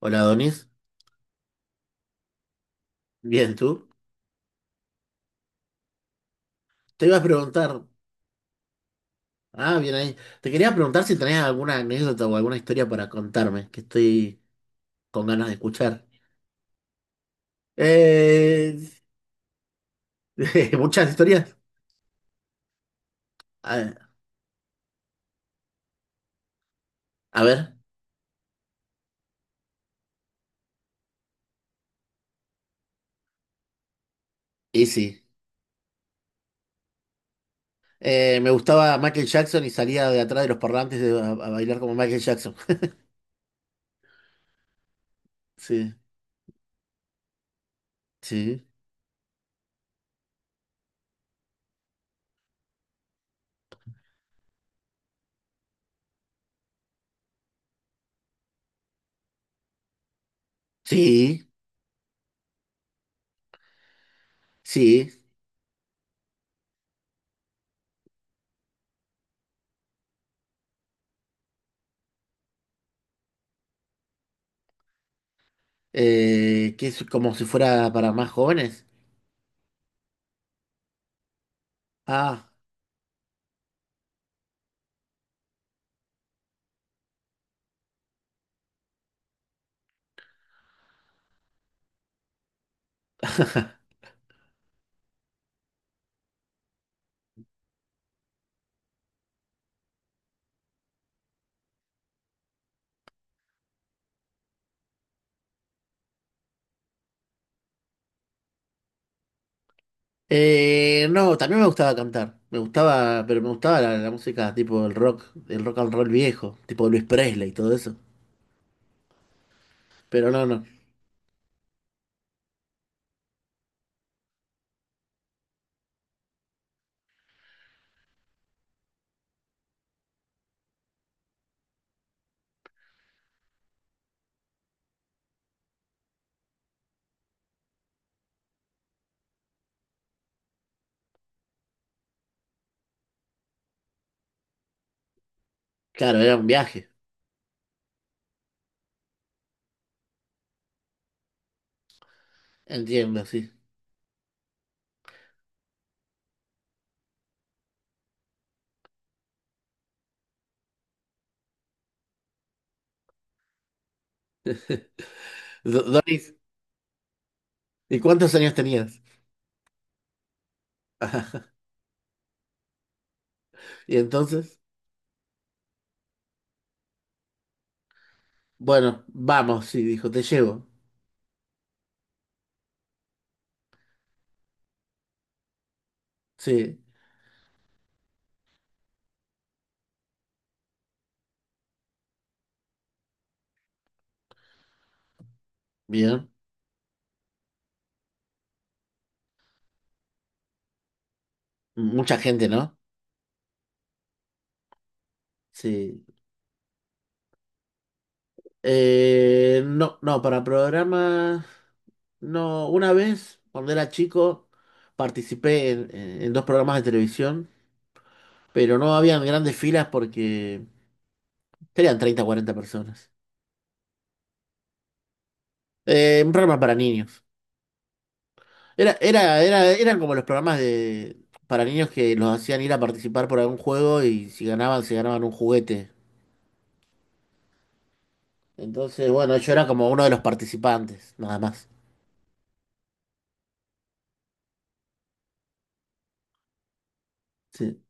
Hola, Donis. Bien, ¿tú? Te iba a preguntar. Ah, bien ahí. Te quería preguntar si tenés alguna anécdota o alguna historia para contarme, que estoy con ganas de escuchar. Eh, muchas historias. A, a ver, y sí. Me gustaba Michael Jackson y salía de atrás de los parlantes a bailar como Michael Jackson. Sí, sí, sí, sí. Que es como si fuera para más jóvenes. Ah. No, también me gustaba cantar. Me gustaba, pero me gustaba la música tipo el rock and roll viejo, tipo Luis Presley y todo eso. Pero no, no. Claro, era un viaje. Entiendo, sí. Doris, ¿y cuántos años tenías? Ajá. Y entonces, bueno, vamos, sí, dijo, te llevo. Sí, bien. Mucha gente, ¿no? Sí. No, no, para programas, no. Una vez, cuando era chico, participé en dos programas de televisión. Pero no habían grandes filas porque serían 30 o 40 personas. Un programa para niños. Eran como los programas de, para niños que los hacían ir a participar por algún juego y si ganaban, se ganaban un juguete. Entonces, bueno, yo era como uno de los participantes, nada más. Sí,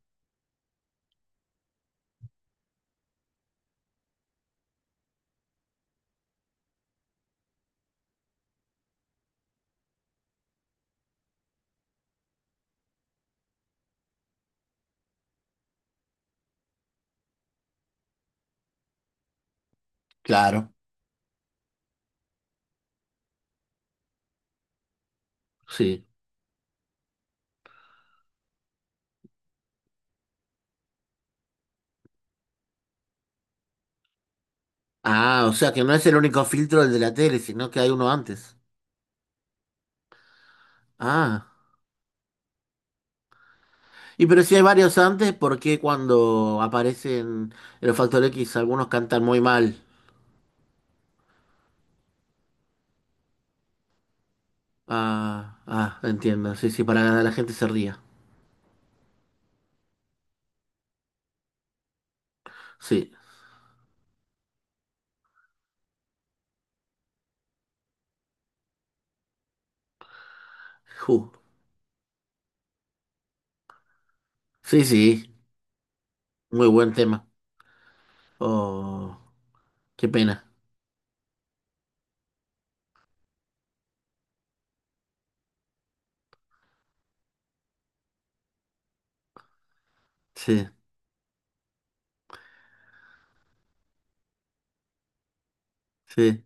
claro, sí. Ah, o sea que no es el único filtro el de la tele, sino que hay uno antes. Ah. Y pero si hay varios antes, ¿por qué cuando aparecen en los Factor X algunos cantan muy mal? Ah, ah, entiendo. Sí, sí, para que la gente se ría. Sí. Ju. Sí, sí. Muy buen tema. Oh, qué pena. Sí, sí.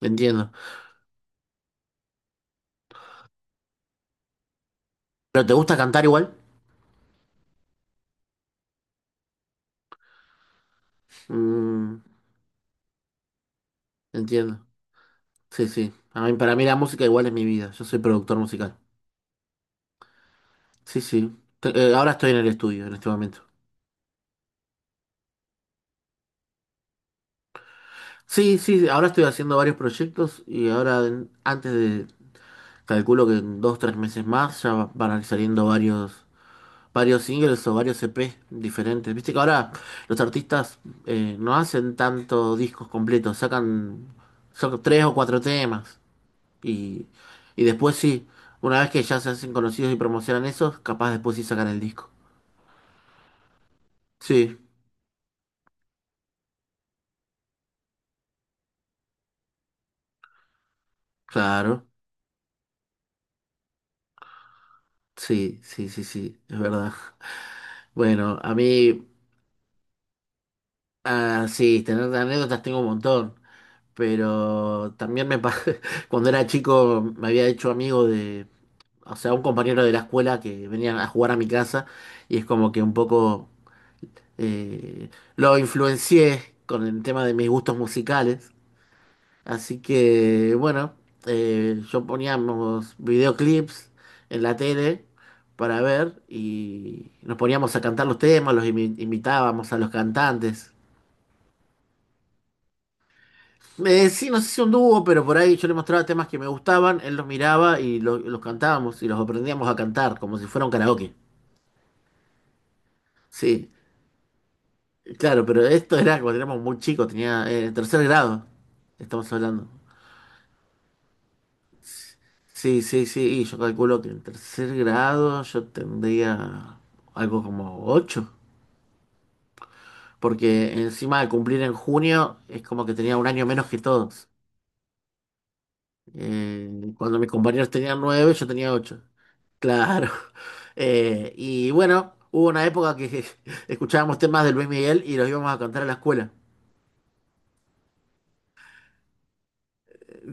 Entiendo. ¿Pero te gusta cantar igual? Mm, entiendo. Sí, sí. A mí, para mí la música igual es mi vida. Yo soy productor musical. Sí, sí. Ahora estoy en el estudio en este momento. Sí, sí, ahora estoy haciendo varios proyectos y ahora antes de, calculo que en dos, tres meses más ya van a ir saliendo varios varios singles o varios EP diferentes. Viste que ahora los artistas no hacen tantos discos completos, sacan, sacan tres o cuatro temas y, y después sí, una vez que ya se hacen conocidos y promocionan esos, capaz después sí sacan el disco. Sí, claro, sí, sí, sí, sí, es verdad. Bueno, a mí, ah, sí, tener anécdotas tengo un montón, pero también cuando era chico me había hecho amigo de o sea, un compañero de la escuela que venían a jugar a mi casa y es como que un poco eh, lo influencié con el tema de mis gustos musicales. Así que, bueno, yo poníamos videoclips en la tele para ver y nos poníamos a cantar los temas, imitábamos a los cantantes. Sí, no sé si un dúo, pero por ahí yo le mostraba temas que me gustaban, él los miraba y los cantábamos y los aprendíamos a cantar como si fuera un karaoke. Sí. Claro, pero esto era cuando éramos muy chicos, tenía tercer grado, estamos hablando. Sí, sí, sí, y yo calculo que en tercer grado yo tendría algo como 8, porque encima de cumplir en junio es como que tenía un año menos que todos. Cuando mis compañeros tenían 9, yo tenía 8. Claro. Y bueno, hubo una época que escuchábamos temas de Luis Miguel y los íbamos a cantar a la escuela.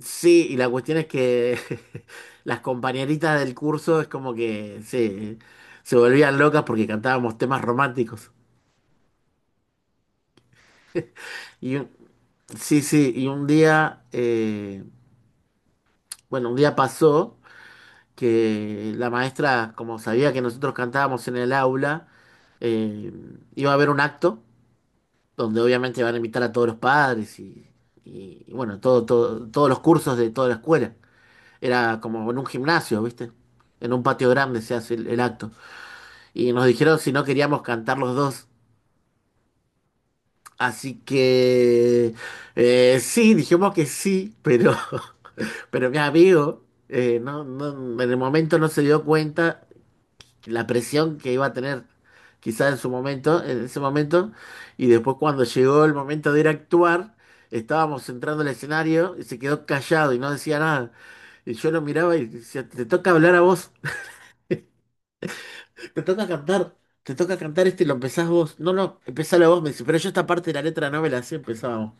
Sí, y la cuestión es que las compañeritas del curso es como que se volvían locas porque cantábamos temas románticos. Y un- sí, sí, y un día, bueno, un día pasó que la maestra, como sabía que nosotros cantábamos en el aula, eh, iba a haber un acto donde obviamente van a invitar a todos los padres y, y bueno, todos los cursos de toda la escuela. Era como en un gimnasio, ¿viste? En un patio grande se hace el acto. Y nos dijeron si no queríamos cantar los dos. Así que sí, dijimos que sí, pero, pero mi amigo en el momento no se dio cuenta la presión que iba a tener quizá en su momento, en ese momento, y después cuando llegó el momento de ir a actuar, estábamos entrando al escenario y se quedó callado y no decía nada. Y yo lo miraba y decía, te toca hablar a vos. Te toca cantar, te toca cantar este y lo empezás vos. No, no, empezalo vos, me dice, pero yo esta parte de la letra no me la sé, empezábamos.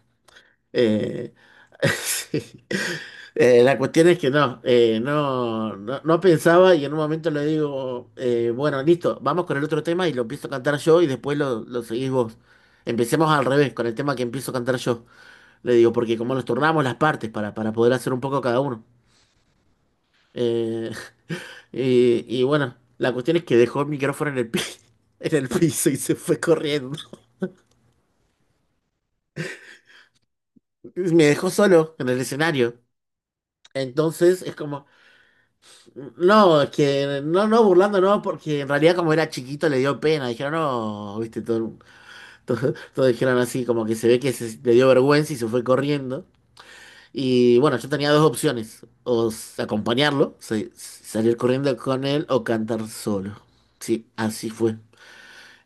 Eh, sí. La cuestión es que no, no pensaba y en un momento le digo, bueno, listo, vamos con el otro tema y lo empiezo a cantar yo y después lo seguís vos. Empecemos al revés, con el tema que empiezo a cantar yo. Le digo, porque como nos turnamos las partes para poder hacer un poco cada uno. Eh, y bueno, la cuestión es que dejó el micrófono en el piso y se fue corriendo. Me dejó solo en el escenario. Entonces es como, no, es que no, no, burlando, no, porque en realidad como era chiquito le dio pena. Dijeron, no, viste, todos dijeron así, como que se ve que le dio vergüenza y se fue corriendo. Y bueno, yo tenía dos opciones, acompañarlo, salir corriendo con él o cantar solo. Sí, así fue.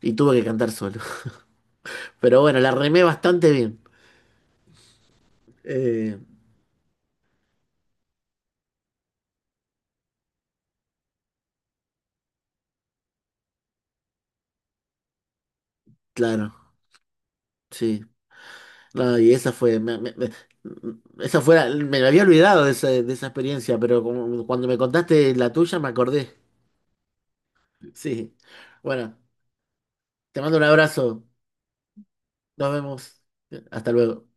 Y tuve que cantar solo. Pero bueno, la remé bastante bien. Eh, claro, sí. No, y esa fue, esa fue, me había olvidado de esa experiencia, pero como- cuando me contaste la tuya me acordé. Sí. Bueno, te mando un abrazo. Nos vemos. Hasta luego.